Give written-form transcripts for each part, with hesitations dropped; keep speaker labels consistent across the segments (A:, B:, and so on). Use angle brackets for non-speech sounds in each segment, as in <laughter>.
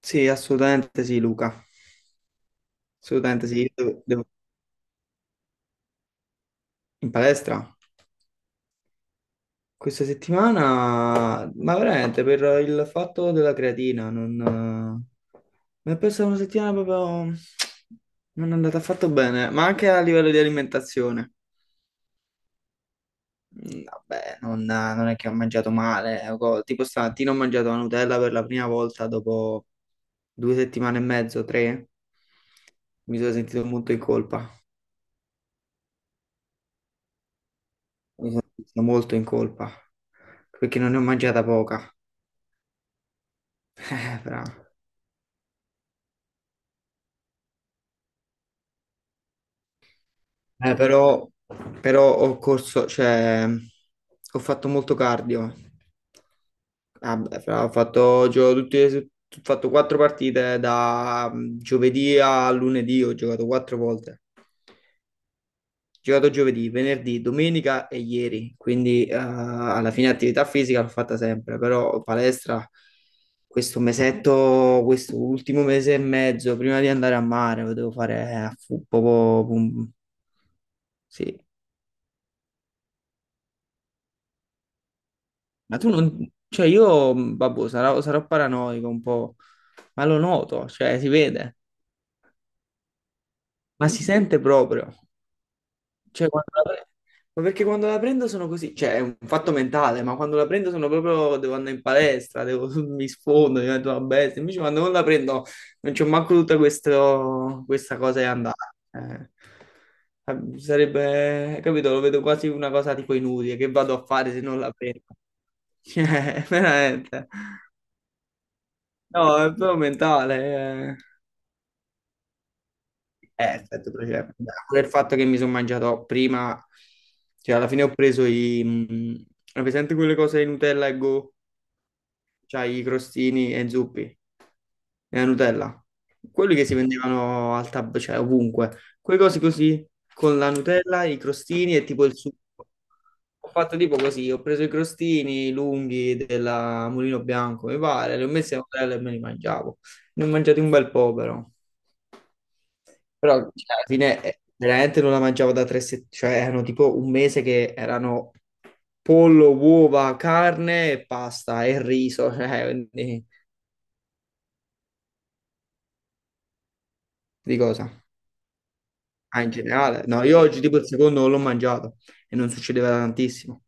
A: Sì, assolutamente sì, Luca. Assolutamente sì. Io in palestra questa settimana, ma veramente per il fatto della creatina, non... mi è persa una settimana proprio... Non è andata affatto bene, ma anche a livello di alimentazione. Vabbè, non è che ho mangiato male. Tipo stamattina ho mangiato la Nutella per la prima volta dopo due settimane e mezzo, tre. Mi sono sentito molto in colpa. Mi sento molto in colpa perché non ne ho mangiata poca. <laughs> Però- però ho corso, cioè, ho fatto molto cardio. Ah, beh, ho fatto quattro partite da giovedì a lunedì, ho giocato quattro volte. Giocato giovedì, venerdì, domenica e ieri, quindi alla fine attività fisica l'ho fatta sempre, però palestra questo mesetto, questo ultimo mese e mezzo, prima di andare a mare, lo devo fare a pum. Sì, ma tu non... Cioè io, vabbè, sarò paranoico un po', ma lo noto, cioè si vede, ma si sente proprio. Cioè, ma perché quando la prendo sono così, cioè è un fatto mentale, ma quando la prendo sono proprio, devo andare in palestra, devo- <laughs> mi sfondo, divento una bestia, invece quando non la prendo non c'ho manco tutta questa cosa di andare. Eh, sarebbe, capito, lo vedo quasi una cosa tipo inutile, che vado a fare se non la prendo? <laughs> Cioè, veramente. No, è proprio mentale. Eh. Effetto placebo. Pure il fatto che mi sono mangiato prima, cioè alla fine ho preso hai presente quelle cose di Nutella e Go? Cioè i crostini e zuppi e la Nutella. Quelli che si vendevano al tab, cioè ovunque. Quelle cose così, con la Nutella, i crostini e tipo il succo. Ho fatto tipo così, ho preso i crostini lunghi della Mulino Bianco, mi pare, li ho messi a Nutella e me li mangiavo. Ne ho mangiati un bel po' però. Però cioè, alla fine veramente non la mangiavo da tre settimane, cioè erano tipo un mese che erano pollo, uova, carne e pasta e riso, <laughs> cioè, quindi, di cosa? Ah, in generale. No, io oggi tipo il secondo non l'ho mangiato e non succedeva da tantissimo.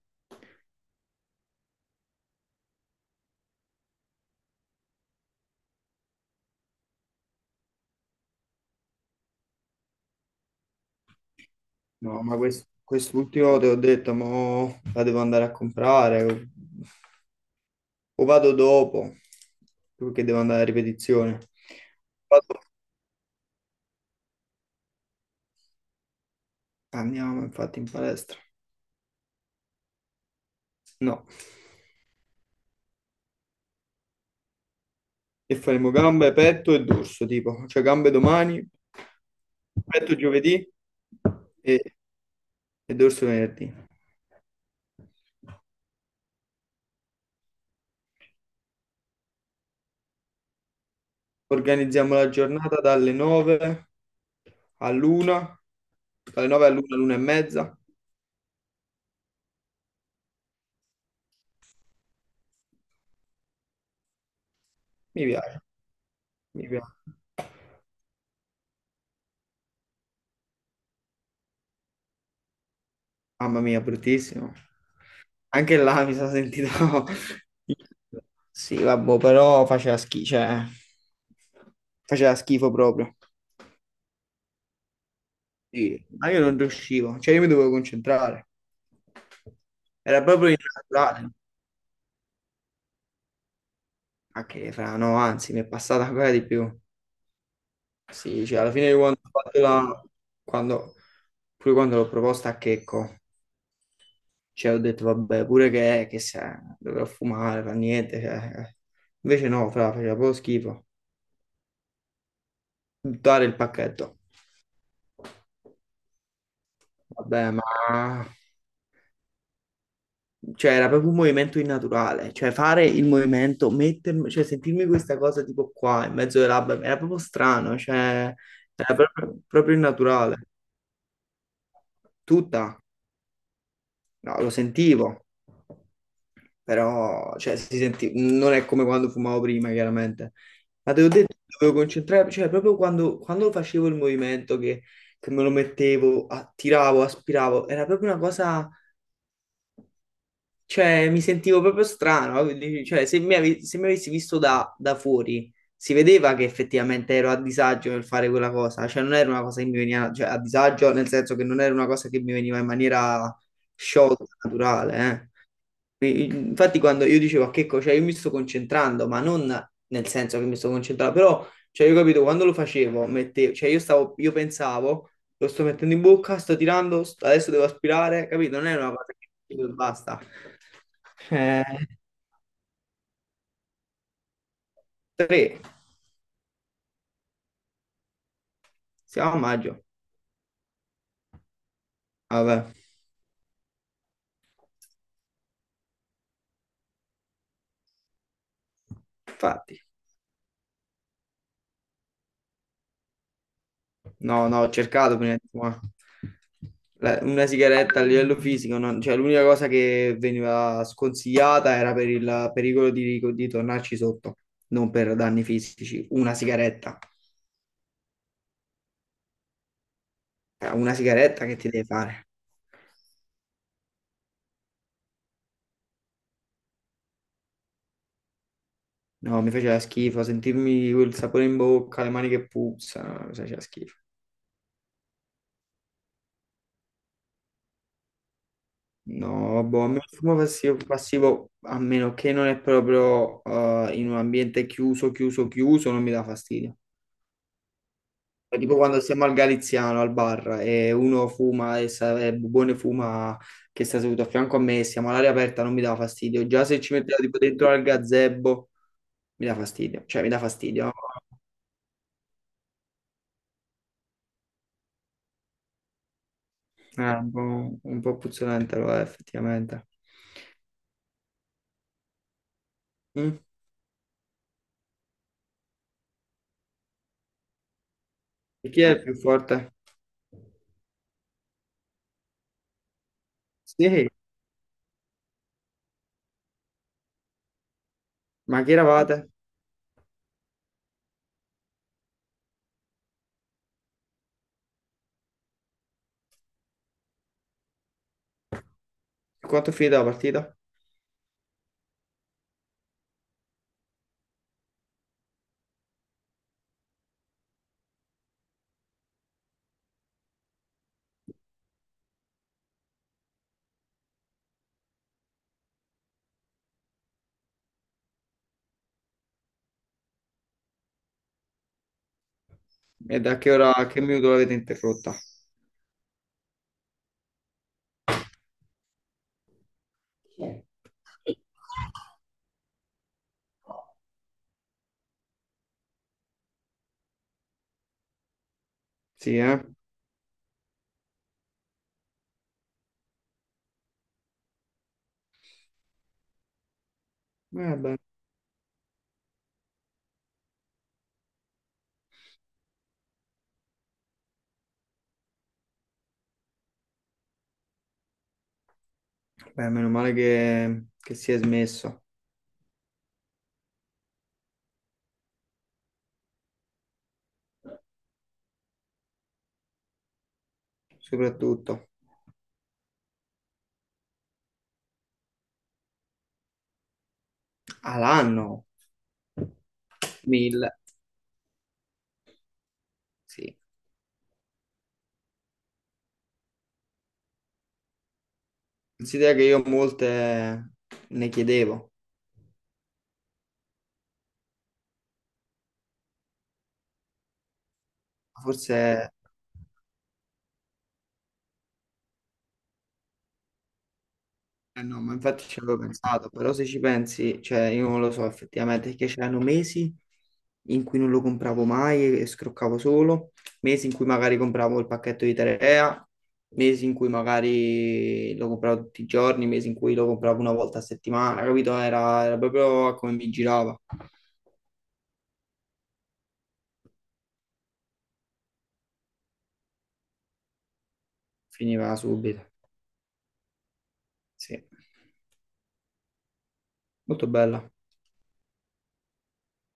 A: No, ma quest'ultimo te ho detto, mo la devo andare a comprare o vado dopo, perché devo andare a ripetizione. Vado- Andiamo infatti in palestra. No. E faremo gambe, petto e dorso, tipo, cioè gambe domani, petto giovedì e, e dorso venerdì. Organizziamo la giornata dalle 9 all'una, dalle 9 all'una, all'una e mezza. Mi piace, mi piace. Mamma mia, bruttissimo. Anche là mi sono sentito... <laughs> Sì, vabbè, però faceva schifo, cioè, faceva schifo proprio. Sì, ma io non riuscivo, cioè io mi dovevo concentrare, era proprio innaturale. Ah, che fra, no, anzi, mi è passata ancora di più. Sì, cioè alla fine quando ho fatto la... quando... pure quando l'ho proposta a Checco, cioè ho detto vabbè, pure che se dovrò fumare, fa niente, cioè. Eh." Invece no, fra, faceva proprio schifo. Buttare il pacchetto. Vabbè, ma... Cioè, era proprio un movimento innaturale, cioè fare il movimento, mettermi, cioè sentirmi questa cosa tipo qua, in mezzo alle labbra, era proprio strano, cioè, era proprio innaturale. Tutta, no, lo sentivo, però, cioè, si senti... non è come quando fumavo prima, chiaramente. Ma te l'ho detto, dovevo concentrare, cioè, proprio quando facevo il movimento, che me lo mettevo, attiravo, aspiravo, era proprio una cosa. Cioè, mi sentivo proprio strano, quindi, cioè, se mi, se mi avessi visto da fuori, si vedeva che effettivamente ero a disagio nel fare quella cosa, cioè non era una cosa che mi veniva, cioè, a disagio nel senso che non era una cosa che mi veniva in maniera sciolta, naturale, eh. Infatti, quando io dicevo a Checco, cioè io mi sto concentrando, ma non nel senso che mi sto concentrando, però, cioè, io capito, quando lo facevo, mettevo, cioè io stavo, io pensavo, lo sto mettendo in bocca, sto tirando, st- adesso devo aspirare, capito? Non è una cosa che dico e basta. Eh, tre, siamo a maggio, vabbè, infatti. No, no, ho cercato prima, di- ma una sigaretta a livello fisico, non- cioè, l'unica cosa che veniva sconsigliata era per il pericolo di tornarci sotto, non per danni fisici. Una sigaretta, eh, una sigaretta che ti deve fare? No, mi faceva schifo, sentirmi quel sapore in bocca, le mani che puzzano, mi faceva schifo. No, boh, a me il fumo passivo, a meno che non è proprio in un ambiente chiuso, non mi dà fastidio. Tipo quando siamo al Galiziano, al bar, e uno fuma e Bubone fuma che sta seduto a fianco a me, siamo all'aria aperta, non mi dà fastidio. Già se ci metteva tipo dentro al gazebo, mi dà fastidio. Cioè, mi dà fastidio. È un un po' puzzolente, lo è, effettivamente. Mm. E chi è il più forte? Sì, ma chi eravate? Quanto è finita la partita? E da che ora, a che minuto l'avete interrotta? Sì, eh? Beh, beh, meno male che si è smesso. Soprattutto all'anno. Mille, sì. Considera che io molte ne chiedevo, forse eh no, ma infatti ci avevo pensato, però se ci pensi, cioè io non lo so effettivamente, perché c'erano mesi in cui non lo compravo mai e scroccavo solo, mesi in cui magari compravo il pacchetto di Terea, mesi in cui magari lo compravo tutti i giorni, mesi in cui lo compravo una volta a settimana, capito? Era proprio come mi girava, finiva subito, sì. Molto bella.